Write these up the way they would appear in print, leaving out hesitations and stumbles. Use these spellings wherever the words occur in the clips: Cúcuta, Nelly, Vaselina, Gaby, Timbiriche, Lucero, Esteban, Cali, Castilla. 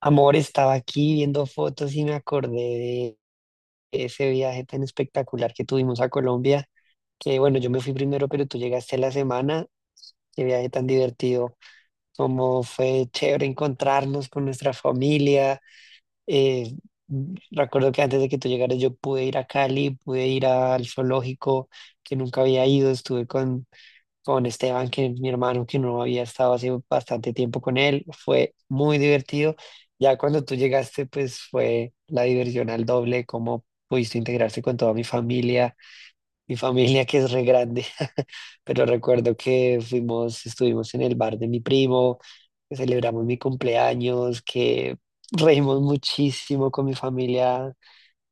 Amor, estaba aquí viendo fotos y me acordé de ese viaje tan espectacular que tuvimos a Colombia. Que bueno, yo me fui primero, pero tú llegaste a la semana. ¡Qué viaje tan divertido, como fue chévere encontrarnos con nuestra familia! eh, Recuerdo que antes de que tú llegaras yo pude ir a Cali, pude ir al zoológico, que nunca había ido. Estuve con Esteban, que es mi hermano, que no había estado hace bastante tiempo con él. Fue muy divertido. Ya cuando tú llegaste, pues fue la diversión al doble, cómo pudiste integrarse con toda mi familia que es re grande. Pero recuerdo que fuimos, estuvimos en el bar de mi primo, que celebramos mi cumpleaños, que reímos muchísimo con mi familia,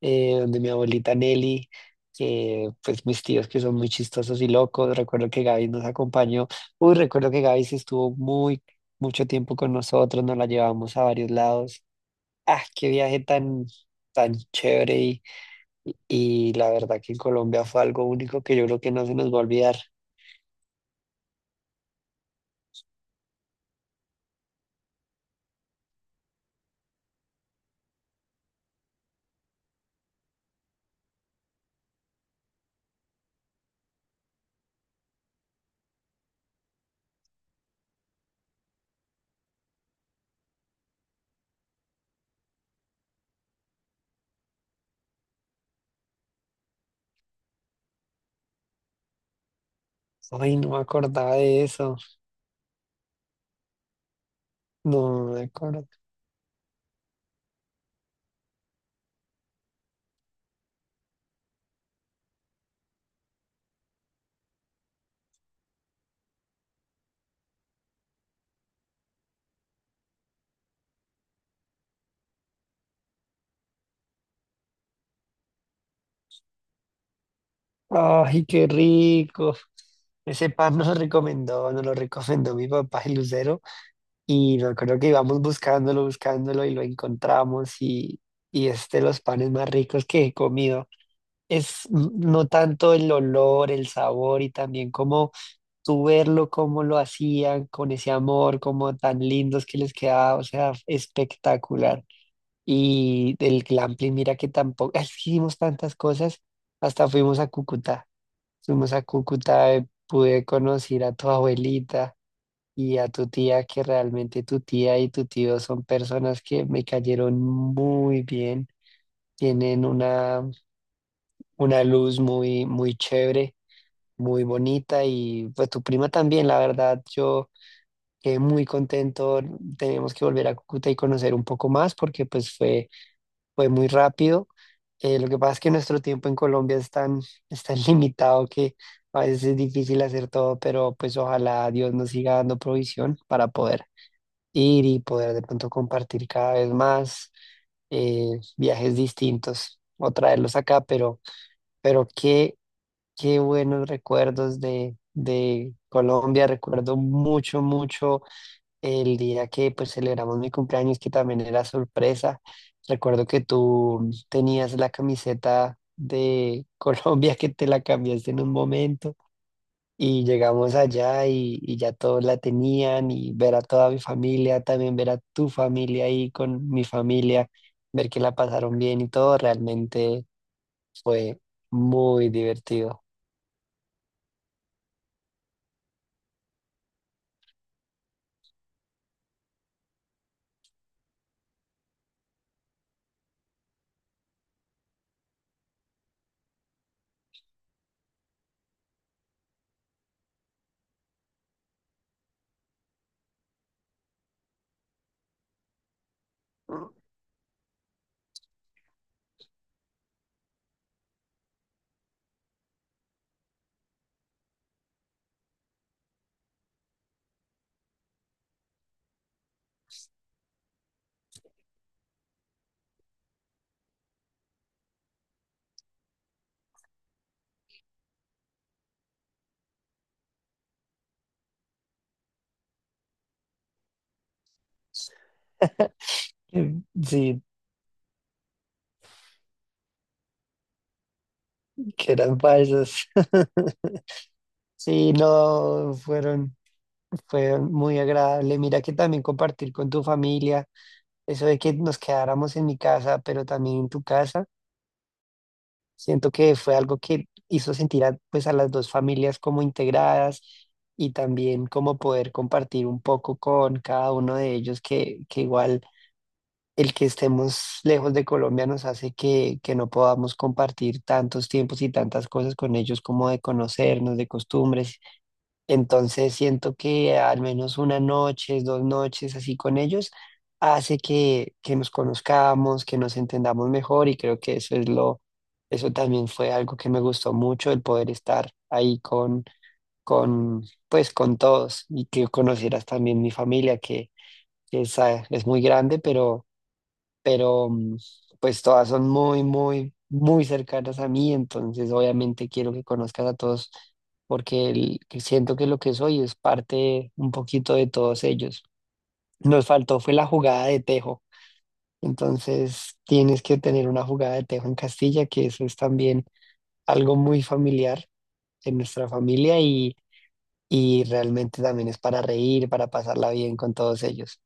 donde mi abuelita Nelly, que pues mis tíos que son muy chistosos y locos. Recuerdo que Gaby nos acompañó. Uy, recuerdo que Gaby sí estuvo muy, mucho tiempo con nosotros, nos la llevamos a varios lados. Ah, qué viaje tan, tan chévere, y la verdad que en Colombia fue algo único que yo creo que no se nos va a olvidar. Ay, no me acordaba de eso. No me acuerdo. Ay, qué rico. Ese pan nos lo recomendó mi papá, el Lucero. Y me acuerdo que íbamos buscándolo, buscándolo y lo encontramos, y es de los panes más ricos que he comido. Es no tanto el olor, el sabor y también como tú verlo, cómo lo hacían con ese amor, como tan lindos que les quedaba. O sea, espectacular. Y el glamping, mira que tampoco, hicimos tantas cosas, hasta fuimos a Cúcuta. Fuimos a Cúcuta, pude conocer a tu abuelita y a tu tía, que realmente tu tía y tu tío son personas que me cayeron muy bien, tienen una luz muy, muy chévere, muy bonita, y pues tu prima también. La verdad, yo quedé muy contento. Tenemos que volver a Cúcuta y conocer un poco más porque pues fue, fue muy rápido. Lo que pasa es que nuestro tiempo en Colombia es tan limitado que a veces es difícil hacer todo, pero pues ojalá Dios nos siga dando provisión para poder ir y poder de pronto compartir cada vez más viajes distintos o traerlos acá. Pero qué, qué buenos recuerdos de Colombia. Recuerdo mucho, mucho el día que pues celebramos mi cumpleaños, que también era sorpresa. Recuerdo que tú tenías la camiseta de Colombia, que te la cambiaste en un momento. Y llegamos allá y ya todos la tenían, y ver a toda mi familia, también ver a tu familia ahí con mi familia, ver que la pasaron bien y todo, realmente fue muy divertido. Mm, sí, que eran falsos. Sí, no, fueron, fueron muy agradable. Mira que también compartir con tu familia, eso de que nos quedáramos en mi casa, pero también en tu casa. Siento que fue algo que hizo sentir a, pues a las dos familias como integradas, y también como poder compartir un poco con cada uno de ellos, que igual el que estemos lejos de Colombia nos hace que no podamos compartir tantos tiempos y tantas cosas con ellos como de conocernos, de costumbres. Entonces siento que al menos una noche, dos noches así con ellos hace que nos conozcamos, que nos entendamos mejor, y creo que eso es lo, eso también fue algo que me gustó mucho, el poder estar ahí con, pues con todos, y que conocieras también mi familia, que es, ah, es muy grande, pero pues todas son muy, muy, muy cercanas a mí, entonces obviamente quiero que conozcas a todos porque que siento que lo que soy es parte un poquito de todos ellos. Nos faltó fue la jugada de tejo, entonces tienes que tener una jugada de tejo en Castilla, que eso es también algo muy familiar en nuestra familia, y realmente también es para reír, para pasarla bien con todos ellos.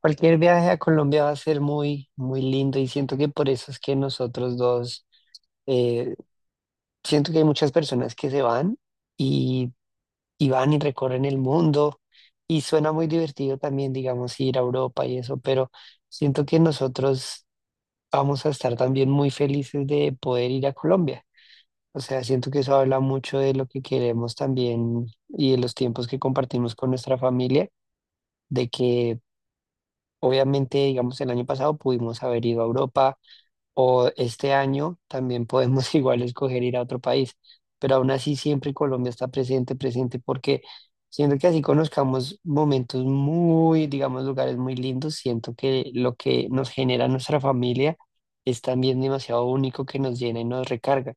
Cualquier viaje a Colombia va a ser muy, muy lindo, y siento que por eso es que nosotros dos, eh, siento que hay muchas personas que se van y, y van y recorren el mundo y suena muy divertido también, digamos, ir a Europa y eso, pero siento que nosotros vamos a estar también muy felices de poder ir a Colombia. O sea, siento que eso habla mucho de lo que queremos también y de los tiempos que compartimos con nuestra familia, de que obviamente, digamos, el año pasado pudimos haber ido a Europa, o este año también podemos igual escoger ir a otro país, pero aún así siempre Colombia está presente, presente, porque siento que así conozcamos momentos muy, digamos, lugares muy lindos, siento que lo que nos genera nuestra familia es también demasiado único que nos llena y nos recarga.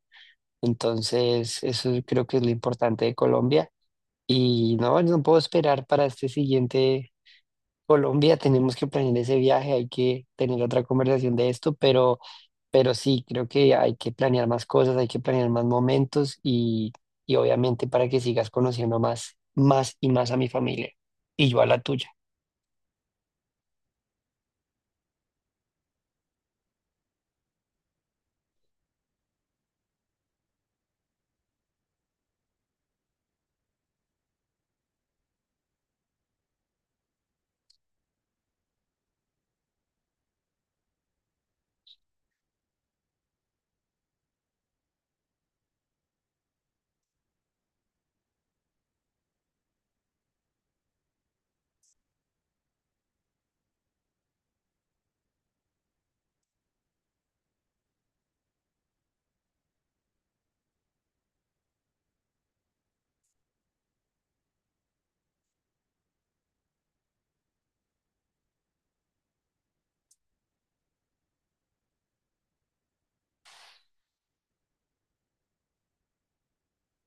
Entonces, eso creo que es lo importante de Colombia, y no, no puedo esperar para este siguiente Colombia. Tenemos que planear ese viaje, hay que tener otra conversación de esto, pero sí, creo que hay que planear más cosas, hay que planear más momentos, y obviamente para que sigas conociendo más, más y más a mi familia, y yo a la tuya.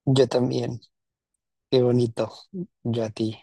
Yo también, qué bonito, yo a ti.